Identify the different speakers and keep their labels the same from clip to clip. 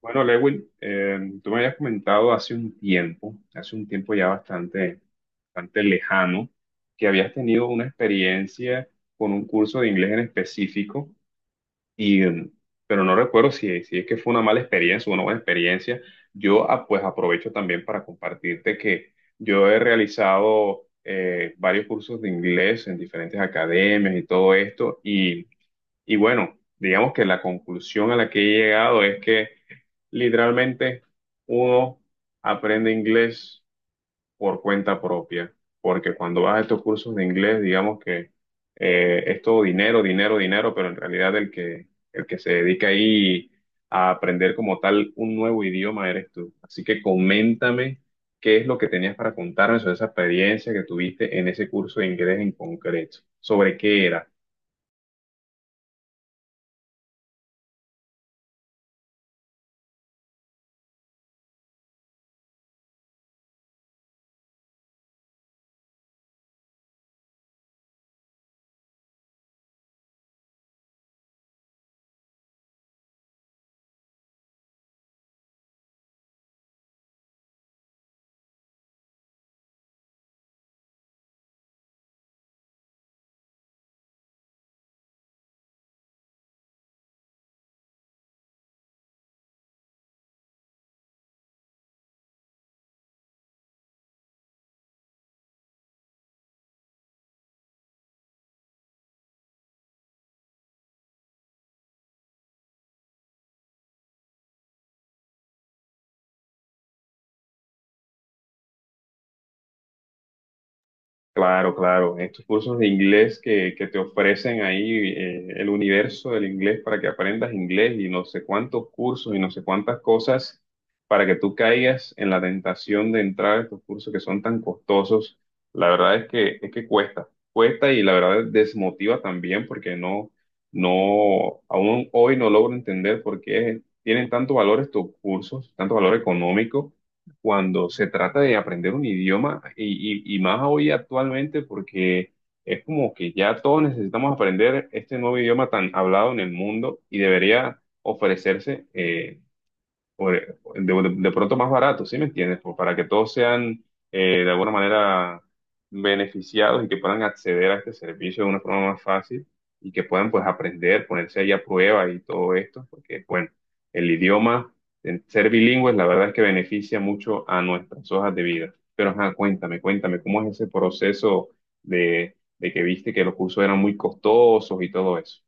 Speaker 1: Bueno, Lewin, tú me habías comentado hace un tiempo, bastante lejano, que habías tenido una experiencia con un curso de inglés en específico, y, eh, pero no recuerdo si es que fue una mala experiencia o una buena experiencia. Yo pues aprovecho también para compartirte que yo he realizado varios cursos de inglés en diferentes academias y todo esto, y bueno, digamos que la conclusión a la que he llegado es que literalmente, uno aprende inglés por cuenta propia, porque cuando vas a estos cursos de inglés, digamos que es todo dinero, dinero, dinero, pero en realidad el que se dedica ahí a aprender como tal un nuevo idioma eres tú. Así que coméntame qué es lo que tenías para contarme sobre esa experiencia que tuviste en ese curso de inglés en concreto, sobre qué era. Claro, claro. Estos cursos de inglés que te ofrecen ahí el universo del inglés para que aprendas inglés y no sé cuántos cursos y no sé cuántas cosas para que tú caigas en la tentación de entrar a estos cursos que son tan costosos. La verdad es que cuesta, cuesta y la verdad desmotiva también porque no, aún hoy no logro entender por qué tienen tanto valor estos cursos, tanto valor económico cuando se trata de aprender un idioma y más hoy actualmente porque es como que ya todos necesitamos aprender este nuevo idioma tan hablado en el mundo y debería ofrecerse de pronto más barato, ¿sí me entiendes? Para que todos sean de alguna manera beneficiados y que puedan acceder a este servicio de una forma más fácil y que puedan pues aprender, ponerse ahí a prueba y todo esto, porque bueno, el idioma, el ser bilingües, la verdad es que beneficia mucho a nuestras hojas de vida. Pero ajá, cuéntame, cuéntame, ¿cómo es ese proceso de que viste que los cursos eran muy costosos y todo eso?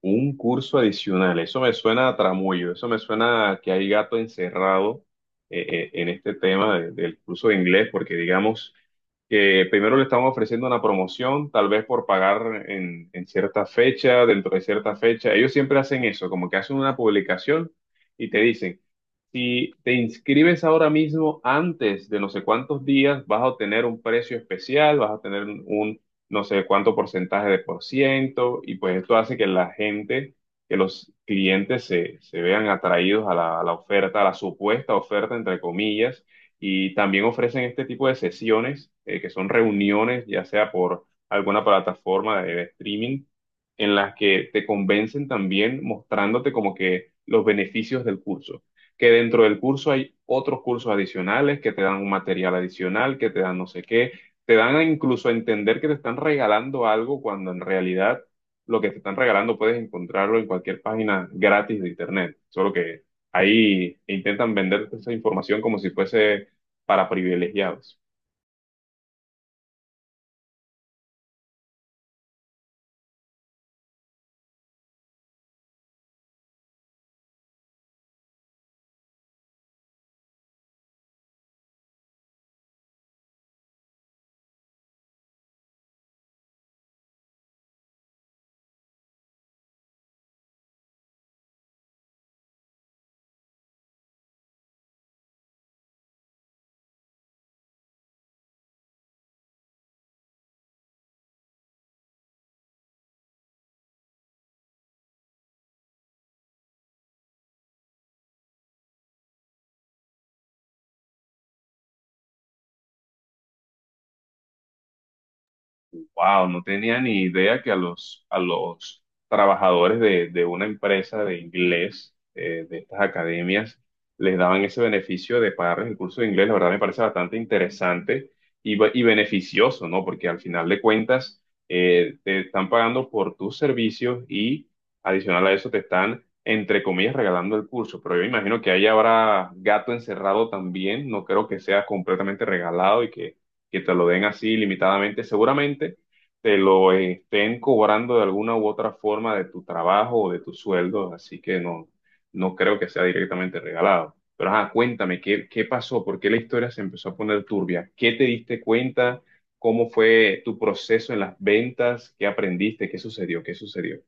Speaker 1: Un curso adicional, eso me suena a tramullo, eso me suena a que hay gato encerrado en este tema del curso de inglés, porque digamos que primero le estamos ofreciendo una promoción, tal vez por pagar en cierta fecha, dentro de cierta fecha. Ellos siempre hacen eso, como que hacen una publicación y te dicen, si te inscribes ahora mismo antes de no sé cuántos días, vas a obtener un precio especial, vas a tener un no sé cuánto porcentaje de por ciento, y pues esto hace que la gente, que los clientes se vean atraídos a a la oferta, a la supuesta oferta, entre comillas, y también ofrecen este tipo de sesiones, que son reuniones, ya sea por alguna plataforma de streaming, en las que te convencen también mostrándote como que los beneficios del curso, que dentro del curso hay otros cursos adicionales que te dan un material adicional, que te dan no sé qué, te dan a incluso a entender que te están regalando algo cuando en realidad lo que te están regalando puedes encontrarlo en cualquier página gratis de internet. Solo que ahí intentan venderte esa información como si fuese para privilegiados. Wow, no tenía ni idea que a a los trabajadores de una empresa de inglés, de estas academias, les daban ese beneficio de pagarles el curso de inglés. La verdad me parece bastante interesante y beneficioso, ¿no? Porque al final de cuentas, te están pagando por tus servicios y adicional a eso te están, entre comillas, regalando el curso. Pero yo imagino que ahí habrá gato encerrado también. No creo que sea completamente regalado y que te lo den así limitadamente. Seguramente te lo estén cobrando de alguna u otra forma de tu trabajo o de tu sueldo, así que no creo que sea directamente regalado. Pero ajá, cuéntame, qué pasó? ¿Por qué la historia se empezó a poner turbia? ¿Qué te diste cuenta? ¿Cómo fue tu proceso en las ventas? ¿Qué aprendiste? ¿Qué sucedió? ¿Qué sucedió?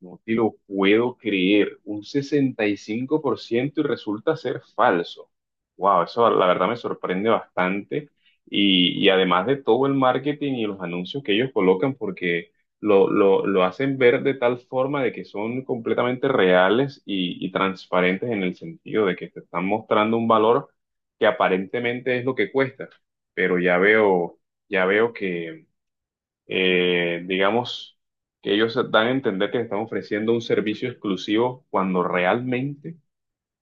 Speaker 1: No te lo puedo creer, un 65% y resulta ser falso. Wow, eso la verdad me sorprende bastante. Y además de todo el marketing y los anuncios que ellos colocan, porque lo hacen ver de tal forma de que son completamente reales y transparentes en el sentido de que te están mostrando un valor que aparentemente es lo que cuesta. Pero ya veo que digamos que ellos dan a entender que están ofreciendo un servicio exclusivo cuando realmente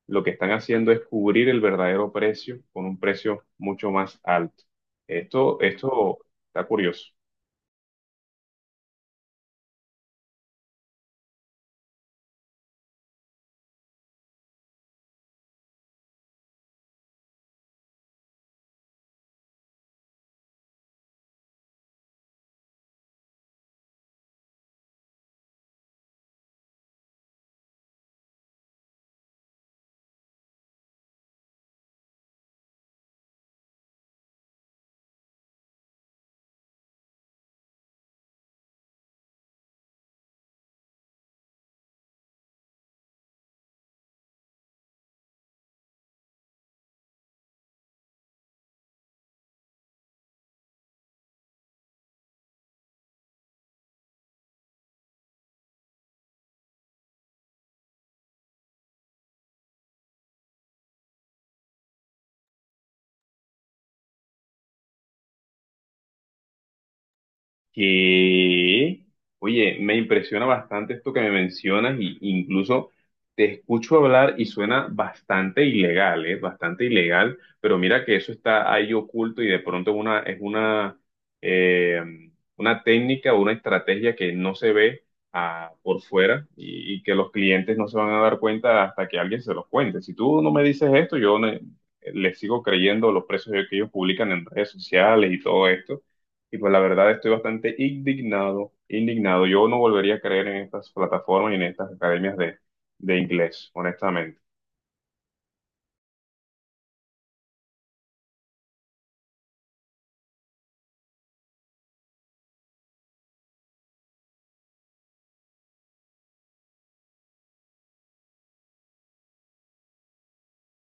Speaker 1: lo que están haciendo es cubrir el verdadero precio con un precio mucho más alto. Esto está curioso. Que, oye, me impresiona bastante esto que me mencionas y incluso te escucho hablar y suena bastante ilegal, ¿eh? Bastante ilegal, pero mira que eso está ahí oculto y de pronto es eh, una técnica o una estrategia que no se ve por fuera y que los clientes no se van a dar cuenta hasta que alguien se los cuente. Si tú no me dices esto, les sigo creyendo los precios que ellos publican en redes sociales y todo esto. Y pues la verdad estoy bastante indignado, indignado. Yo no volvería a creer en estas plataformas y en estas academias de inglés, honestamente.